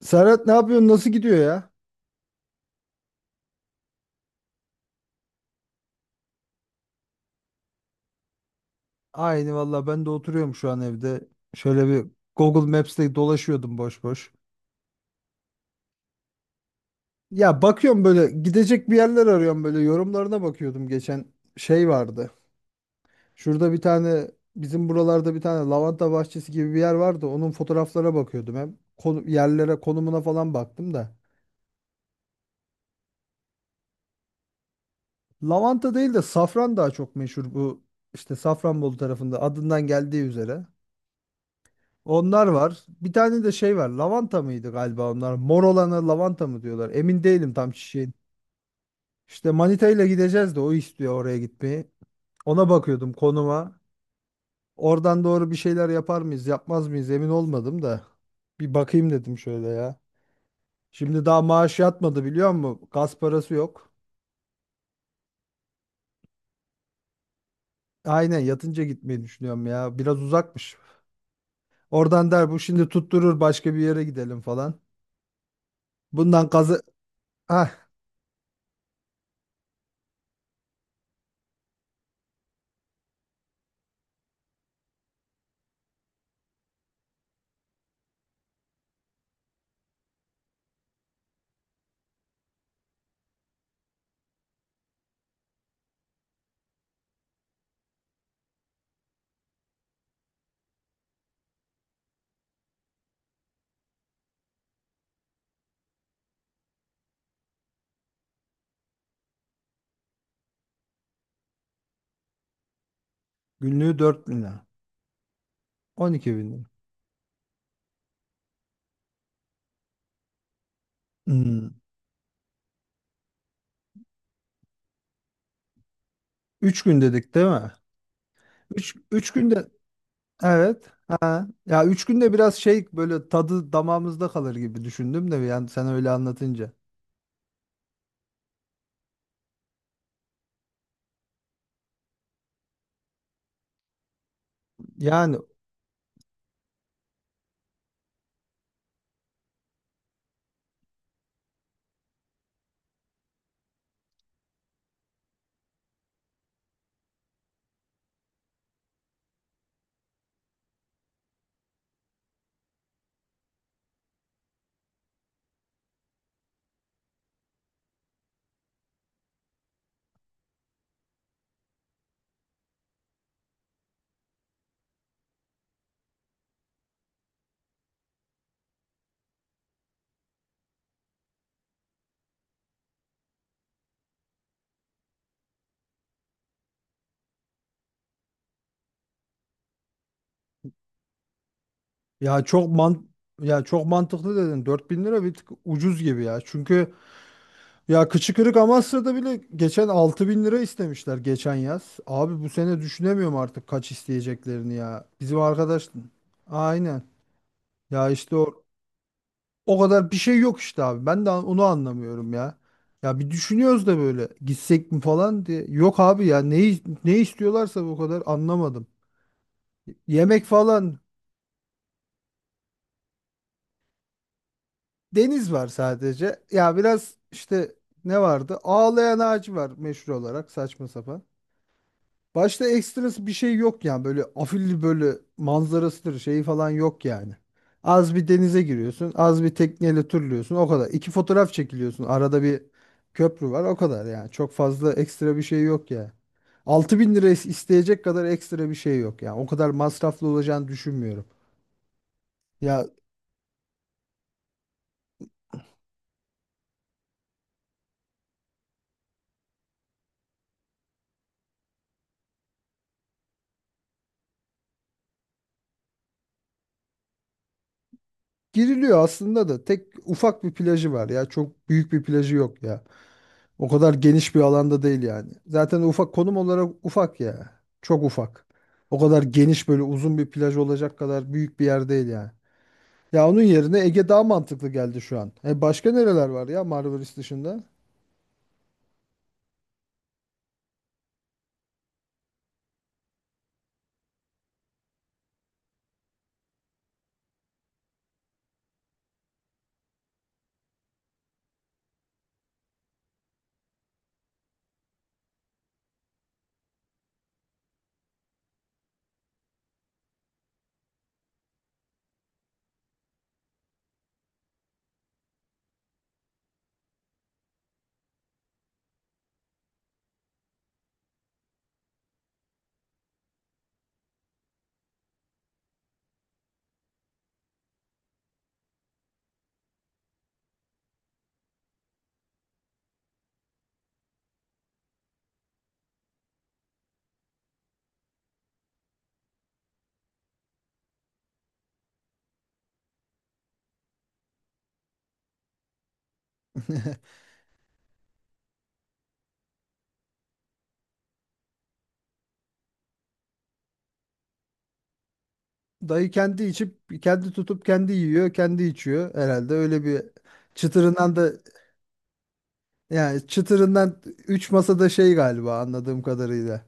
Serhat, ne yapıyorsun? Nasıl gidiyor ya? Aynı valla, ben de oturuyorum şu an evde. Şöyle bir Google Maps'te dolaşıyordum boş boş. Ya bakıyorum böyle, gidecek bir yerler arıyorum, böyle yorumlarına bakıyordum geçen şey vardı. Şurada bir tane, bizim buralarda bir tane lavanta bahçesi gibi bir yer vardı. Onun fotoğraflara bakıyordum, hem konu, yerlere, konumuna falan baktım da. Lavanta değil de safran daha çok meşhur, bu işte Safranbolu tarafında adından geldiği üzere. Onlar var. Bir tane de şey var. Lavanta mıydı galiba onlar? Mor olana lavanta mı diyorlar? Emin değilim tam çiçeğin. İşte manitayla gideceğiz de o istiyor oraya gitmeyi. Ona bakıyordum, konuma. Oradan doğru bir şeyler yapar mıyız, yapmaz mıyız emin olmadım da. Bir bakayım dedim şöyle ya. Şimdi daha maaş yatmadı, biliyor musun? Gaz parası yok. Aynen, yatınca gitmeyi düşünüyorum ya. Biraz uzakmış. Oradan der bu şimdi, tutturur başka bir yere gidelim falan. Bundan gazı... Ah, günlüğü 4.000 lira. 12.000 lira. Hmm. Üç gün dedik değil mi? Üç günde evet. Ha. Ya üç günde biraz şey, böyle tadı damağımızda kalır gibi düşündüm de, yani sen öyle anlatınca. Yani ya çok man ya çok mantıklı dedin. 4000 lira bir tık ucuz gibi ya. Çünkü ya kıçı kırık Amasya'da bile geçen 6.000 lira istemişler geçen yaz. Abi bu sene düşünemiyorum artık kaç isteyeceklerini ya. Bizim arkadaş aynen. Ya işte o, o kadar bir şey yok işte abi. Ben de onu anlamıyorum ya. Ya bir düşünüyoruz da böyle gitsek mi falan diye. Yok abi ya ne istiyorlarsa, bu kadar anlamadım. Yemek falan, deniz var sadece. Ya biraz işte ne vardı? Ağlayan ağacı var meşhur olarak, saçma sapan. Başta ekstrası bir şey yok yani, böyle afilli böyle manzarasıdır şeyi falan yok yani. Az bir denize giriyorsun, az bir tekneyle turluyorsun o kadar. İki fotoğraf çekiliyorsun, arada bir köprü var, o kadar yani. Çok fazla ekstra bir şey yok ya. 6.000 lira isteyecek kadar ekstra bir şey yok yani. O kadar masraflı olacağını düşünmüyorum. Ya giriliyor aslında da, tek ufak bir plajı var ya, çok büyük bir plajı yok ya. O kadar geniş bir alanda değil yani. Zaten ufak, konum olarak ufak ya. Çok ufak. O kadar geniş böyle uzun bir plaj olacak kadar büyük bir yer değil yani. Ya onun yerine Ege daha mantıklı geldi şu an. E başka nereler var ya Marmaris dışında? Dayı kendi içip kendi tutup kendi yiyor, kendi içiyor herhalde. Öyle bir çıtırından da, yani çıtırından 3 masada şey galiba, anladığım kadarıyla.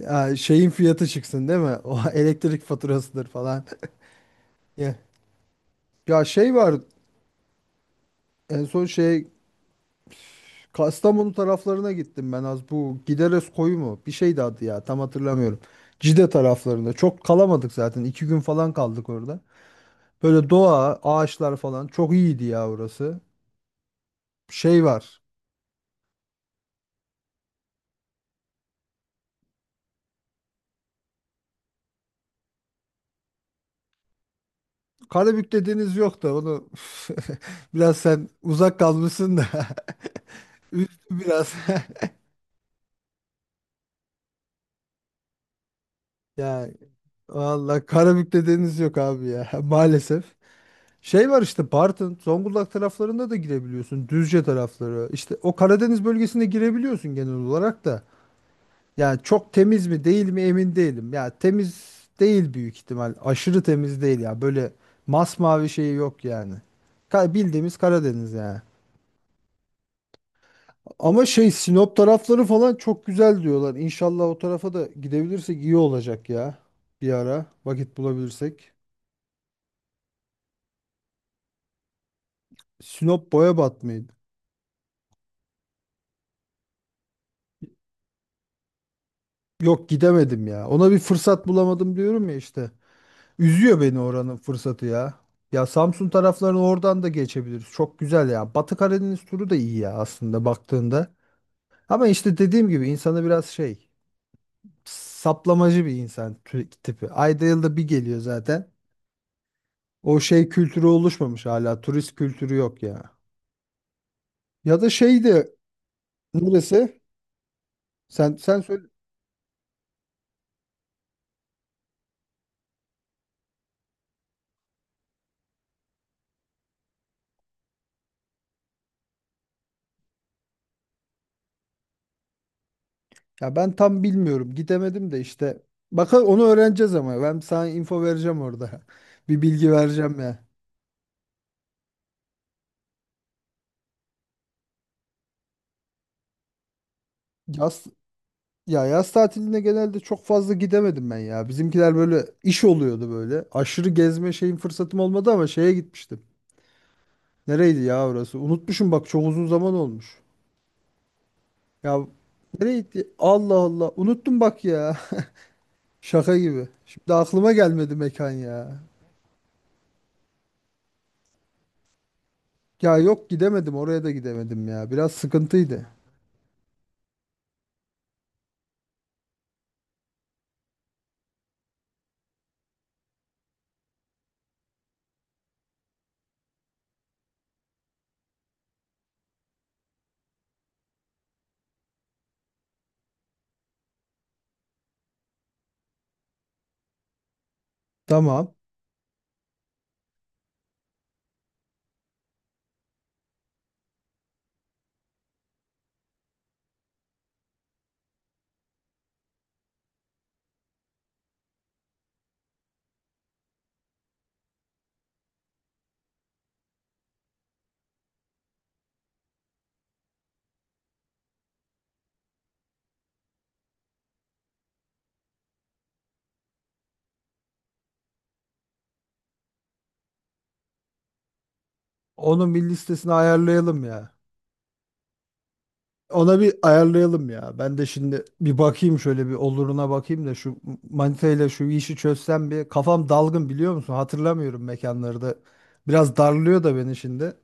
Ya şeyin fiyatı çıksın değil mi? O elektrik faturasıdır falan. Ya ya şey var en son şey Kastamonu taraflarına gittim ben az, bu Gideres koyu mu? Bir şeydi adı, ya tam hatırlamıyorum. Cide taraflarında çok kalamadık, zaten 2 gün falan kaldık orada. Böyle doğa, ağaçlar falan çok iyiydi ya orası. Şey var, Karabük'te deniz yok da onu, biraz sen uzak kalmışsın da üzdü biraz. Yani valla Karabük'te deniz yok abi ya maalesef. Şey var işte, Bartın, Zonguldak taraflarında da girebiliyorsun. Düzce tarafları. İşte o Karadeniz bölgesinde girebiliyorsun genel olarak da. Yani çok temiz mi değil mi emin değilim. Ya temiz değil büyük ihtimal. Aşırı temiz değil ya. Böyle masmavi şeyi yok yani. Bildiğimiz Karadeniz yani. Ama şey, Sinop tarafları falan çok güzel diyorlar. İnşallah o tarafa da gidebilirsek iyi olacak ya. Bir ara vakit bulabilirsek. Sinop Boyabat mıydı? Yok gidemedim ya. Ona bir fırsat bulamadım diyorum ya işte. Üzüyor beni oranın fırsatı ya. Ya Samsun taraflarını oradan da geçebiliriz. Çok güzel ya. Batı Karadeniz turu da iyi ya aslında baktığında. Ama işte dediğim gibi, insanı biraz şey, saplamacı bir insan tipi. Ayda yılda bir geliyor zaten. O şey kültürü oluşmamış hala. Turist kültürü yok ya. Ya da şey de, neresi? Sen söyle. Ya ben tam bilmiyorum. Gidemedim de işte. Bakın onu öğreneceğiz ama. Ben sana info vereceğim orada. Bir bilgi vereceğim ya. Yaz, ya yaz tatiline genelde çok fazla gidemedim ben ya. Bizimkiler böyle iş oluyordu böyle. Aşırı gezme şeyin fırsatım olmadı, ama şeye gitmiştim. Nereydi ya orası? Unutmuşum bak, çok uzun zaman olmuş. Ya nereydi? Allah Allah. Unuttum bak ya. Şaka gibi. Şimdi aklıma gelmedi mekan ya. Ya yok, gidemedim oraya da, gidemedim ya. Biraz sıkıntıydı. Tamam. Onun bir listesini ayarlayalım ya. Ona bir ayarlayalım ya. Ben de şimdi bir bakayım, şöyle bir oluruna bakayım da, şu manita şu işi çözsem bir, kafam dalgın biliyor musun? Hatırlamıyorum mekanları da. Biraz darlıyor da beni şimdi.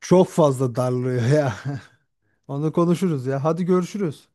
Çok fazla darlıyor ya. Onu konuşuruz ya. Hadi görüşürüz.